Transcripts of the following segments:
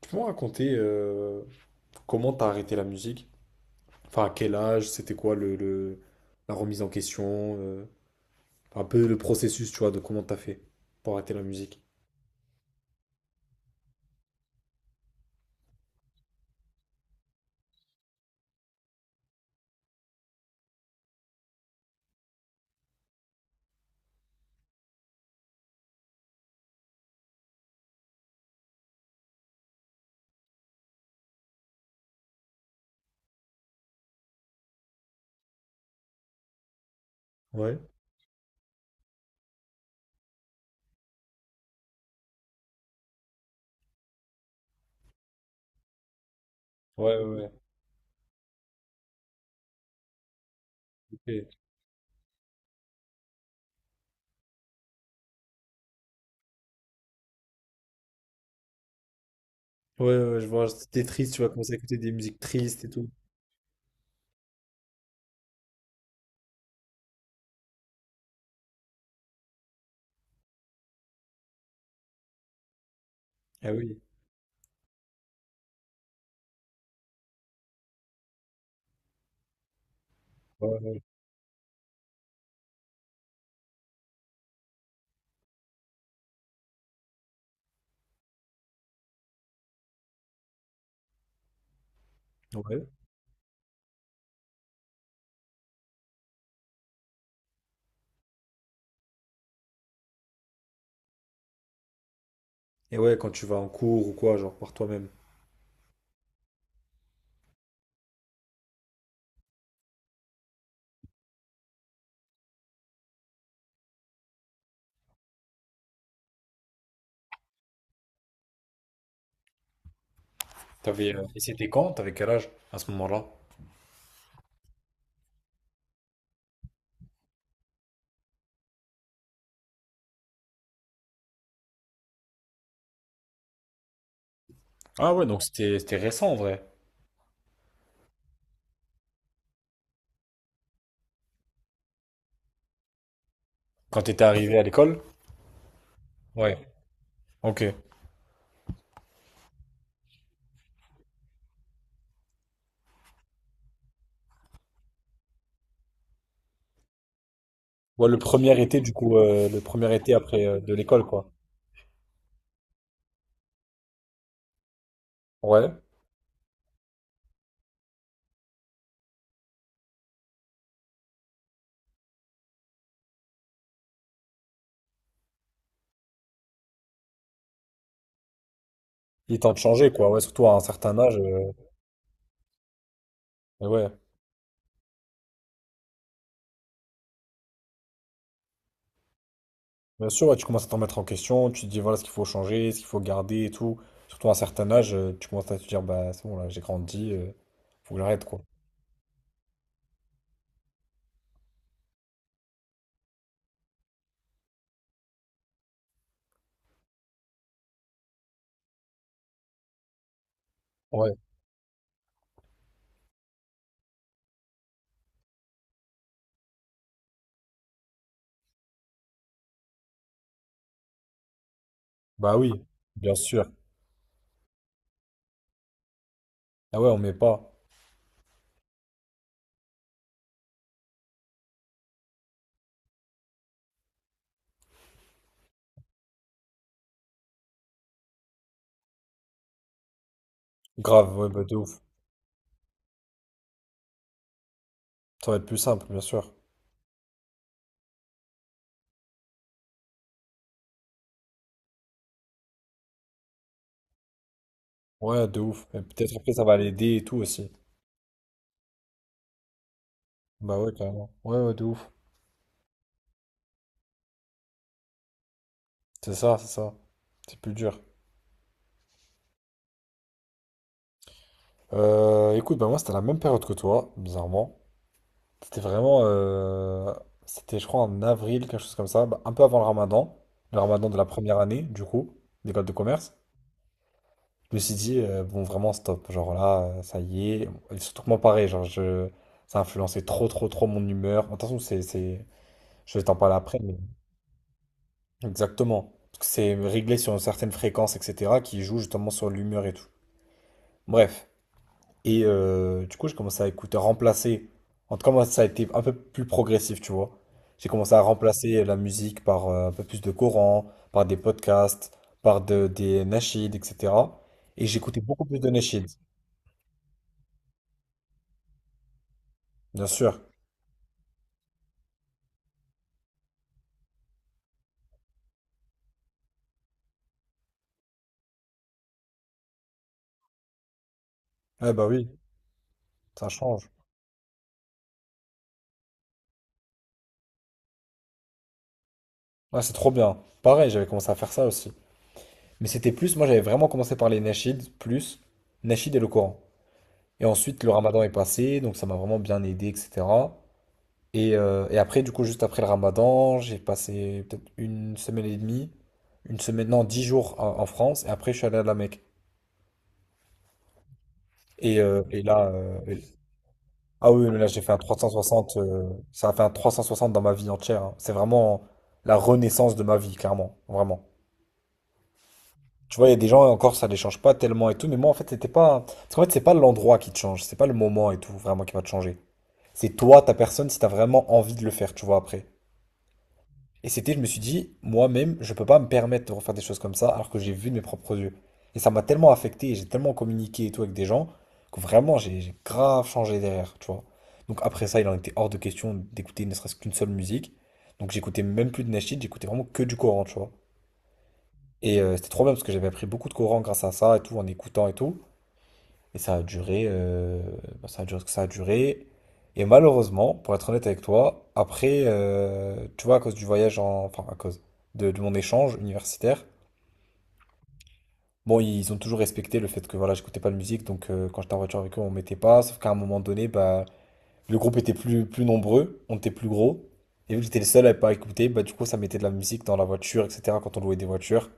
Tu peux me raconter comment t'as arrêté la musique? Enfin, à quel âge? C'était quoi la remise en question? Un peu le processus, tu vois, de comment t'as fait pour arrêter la musique. Ouais. Ouais, ouais, ouais. Ok. Ouais, ouais, je vois. C'était triste, tu vas commencer à écouter des musiques tristes et tout. Ah oui. Ouais, ouais. Ouais. Et ouais, quand tu vas en cours ou quoi, genre par toi-même. T'avais, et c'était quand? T'avais quel âge à ce moment-là? Ah ouais, donc c'était récent en vrai. Quand t'étais arrivé à l'école? Ouais. Ok. Ouais, le premier été, du coup, le premier été après de l'école, quoi. Ouais, il est temps de changer, quoi. Ouais, surtout à un certain âge. Mais ouais, bien sûr, ouais, tu commences à te remettre en question, tu te dis, voilà ce qu'il faut changer, ce qu'il faut garder et tout. Surtout à un certain âge, tu commences à te dire, bah, c'est bon, là, j'ai grandi, faut que j'arrête, quoi. Ouais, bah oui, bien sûr. Ah ouais, on met pas. Grave, ouais, bah, de ouf. Ça va être plus simple, bien sûr. Ouais, de ouf. Et peut-être après, ça va l'aider et tout aussi. Bah ouais, carrément. Ouais, ouais, de ouf. C'est ça, c'est ça. C'est plus dur. Écoute, bah moi c'était la même période que toi, bizarrement. C'était vraiment, c'était je crois en avril, quelque chose comme ça, bah, un peu avant le ramadan de la première année du coup, d'école de commerce. Je me suis dit, bon vraiment stop, genre là, ça y est. Et surtout que moi pareil, genre je, ça a influencé trop trop trop mon humeur. Attention, c'est, je vais t'en parler après, mais exactement. Parce que c'est réglé sur une certaine fréquence, etc., qui joue justement sur l'humeur et tout. Bref. Et du coup, j'ai commencé à écouter, à remplacer. En tout cas, moi, ça a été un peu plus progressif, tu vois. J'ai commencé à remplacer la musique par un peu plus de Coran, par des podcasts, par des nasheed, etc. Et j'écoutais beaucoup plus de nasheed, bien sûr. Eh bah oui, ça change. Ouais, c'est trop bien. Pareil, j'avais commencé à faire ça aussi. Mais c'était plus, moi, j'avais vraiment commencé par les nasheed, plus nasheed et le Coran. Et ensuite, le ramadan est passé, donc ça m'a vraiment bien aidé, etc. Et après, du coup, juste après le Ramadan, j'ai passé peut-être une semaine et demie, une semaine, non, dix jours en France, et après, je suis allé à la Mecque. Et, euh, et là, euh, et- ah oui, mais là, j'ai fait un 360, ça a fait un 360 dans ma vie entière. Hein. C'est vraiment la renaissance de ma vie, clairement, vraiment. Tu vois, il y a des gens, encore, ça les change pas tellement et tout, mais moi, en fait, c'était pas. Parce qu'en fait, c'est pas l'endroit qui te change, c'est pas le moment et tout, vraiment, qui va te changer. C'est toi, ta personne, si t'as vraiment envie de le faire, tu vois, après. Et c'était, je me suis dit, moi-même, je peux pas me permettre de refaire des choses comme ça alors que j'ai vu de mes propres yeux. Et ça m'a tellement affecté, et j'ai tellement communiqué et tout avec des gens que vraiment j'ai grave changé derrière, tu vois. Donc après ça, il en était hors de question d'écouter ne serait-ce qu'une seule musique. Donc j'écoutais même plus de Nashid, j'écoutais vraiment que du Coran, tu vois. Et c'était trop bien parce que j'avais appris beaucoup de Coran grâce à ça et tout, en écoutant et tout. Et ça a duré, bah, ça a duré ce que ça a duré. Et malheureusement, pour être honnête avec toi, après, tu vois, à cause du voyage, enfin, à cause de mon échange universitaire, bon, ils ont toujours respecté le fait que voilà, j'écoutais pas de musique, donc quand j'étais en voiture avec eux, on mettait pas. Sauf qu'à un moment donné, bah, le groupe était plus nombreux, on était plus gros. Et vu que j'étais le seul à pas écouter, bah, du coup, ça mettait de la musique dans la voiture, etc., quand on louait des voitures,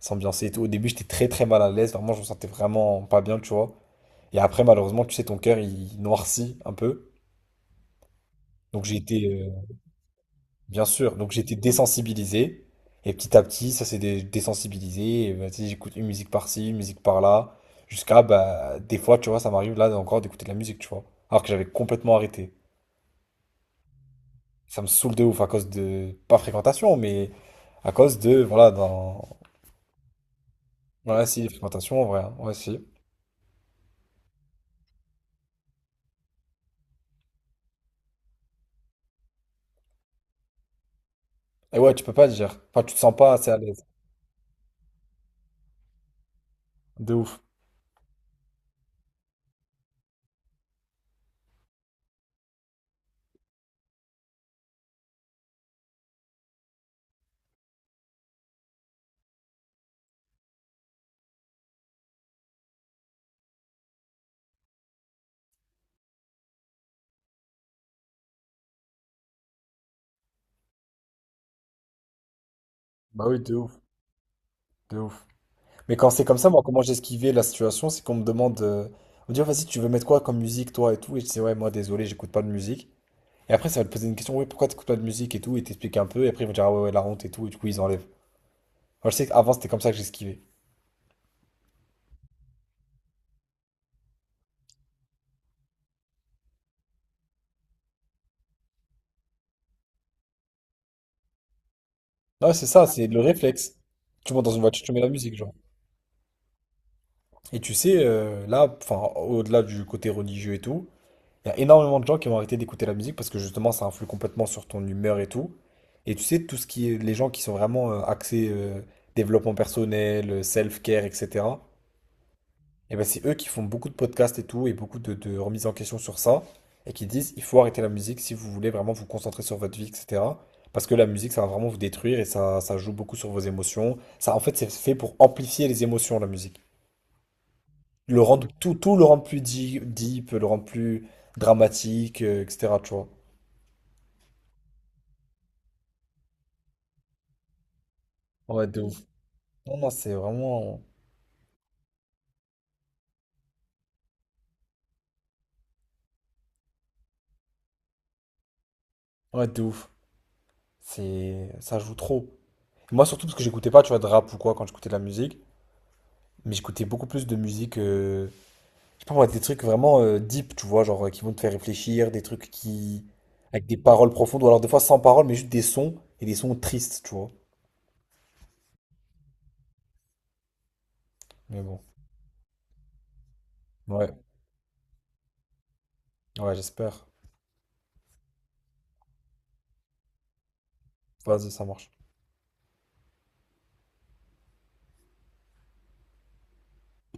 s'ambiancer et tout. Au début, j'étais très très mal à l'aise, vraiment, je me sentais vraiment pas bien, tu vois. Et après, malheureusement, tu sais, ton cœur, il noircit un peu. Donc j'ai été, bien sûr, donc j'ai été désensibilisé. Et petit à petit, ça s'est désensibilisé. Et, bah, tu sais, j'écoute une musique par-ci, une musique par-là. Jusqu'à, bah, des fois, tu vois, ça m'arrive là encore d'écouter de la musique, tu vois. Alors que j'avais complètement arrêté. Ça me saoule de ouf à cause de, pas fréquentation, mais à cause de, voilà, d'un... Voilà, si, fréquentation, en vrai. Hein. Ouais, si. Et ouais, tu peux pas le dire. Enfin, tu te sens pas assez à l'aise. De ouf. Bah oui, de ouf, de ouf. Mais quand c'est comme ça, moi, comment j'ai esquivé la situation, c'est qu'on me demande, on me dit, oh, vas-y, tu veux mettre quoi comme musique, toi et tout. Et je dis, ouais, moi, désolé, j'écoute pas de musique. Et après, ça va te poser une question, oui, pourquoi t'écoutes pas de musique et tout, et t'expliques un peu, et après, ils vont dire, ah ouais, ouais, la honte et tout, et du coup, ils enlèvent. Moi, je sais qu'avant, c'était comme ça que j'esquivais. Non, c'est ça, c'est le réflexe. Tu montes dans une voiture, tu mets la musique, genre. Et tu sais, là, enfin, au-delà du côté religieux et tout, il y a énormément de gens qui vont arrêter d'écouter la musique parce que justement ça influe complètement sur ton humeur et tout. Et tu sais, tout ce qui est les gens qui sont vraiment axés développement personnel, self-care, etc. Et ben c'est eux qui font beaucoup de podcasts et tout et beaucoup de remises en question sur ça et qui disent il faut arrêter la musique si vous voulez vraiment vous concentrer sur votre vie, etc. Parce que la musique ça va vraiment vous détruire et ça joue beaucoup sur vos émotions. Ça en fait c'est fait pour amplifier les émotions la musique. Le rendre tout, tout le rendre plus deep, deep, le rendre plus dramatique, etc. Tu vois. Ouais, de ouf. Non, non, c'est vraiment. Ouais, de ouf. C'est... Ça joue trop. Moi, surtout parce que j'écoutais pas, tu vois, de rap ou quoi quand j'écoutais de la musique. Mais j'écoutais beaucoup plus de musique. Je sais pas moi, des trucs vraiment deep, tu vois, genre qui vont te faire réfléchir, des trucs qui. Avec des paroles profondes, ou alors des fois sans paroles, mais juste des sons, et des sons tristes, tu vois. Mais bon. Ouais, ouais, j'espère. Vas-y, ça marche.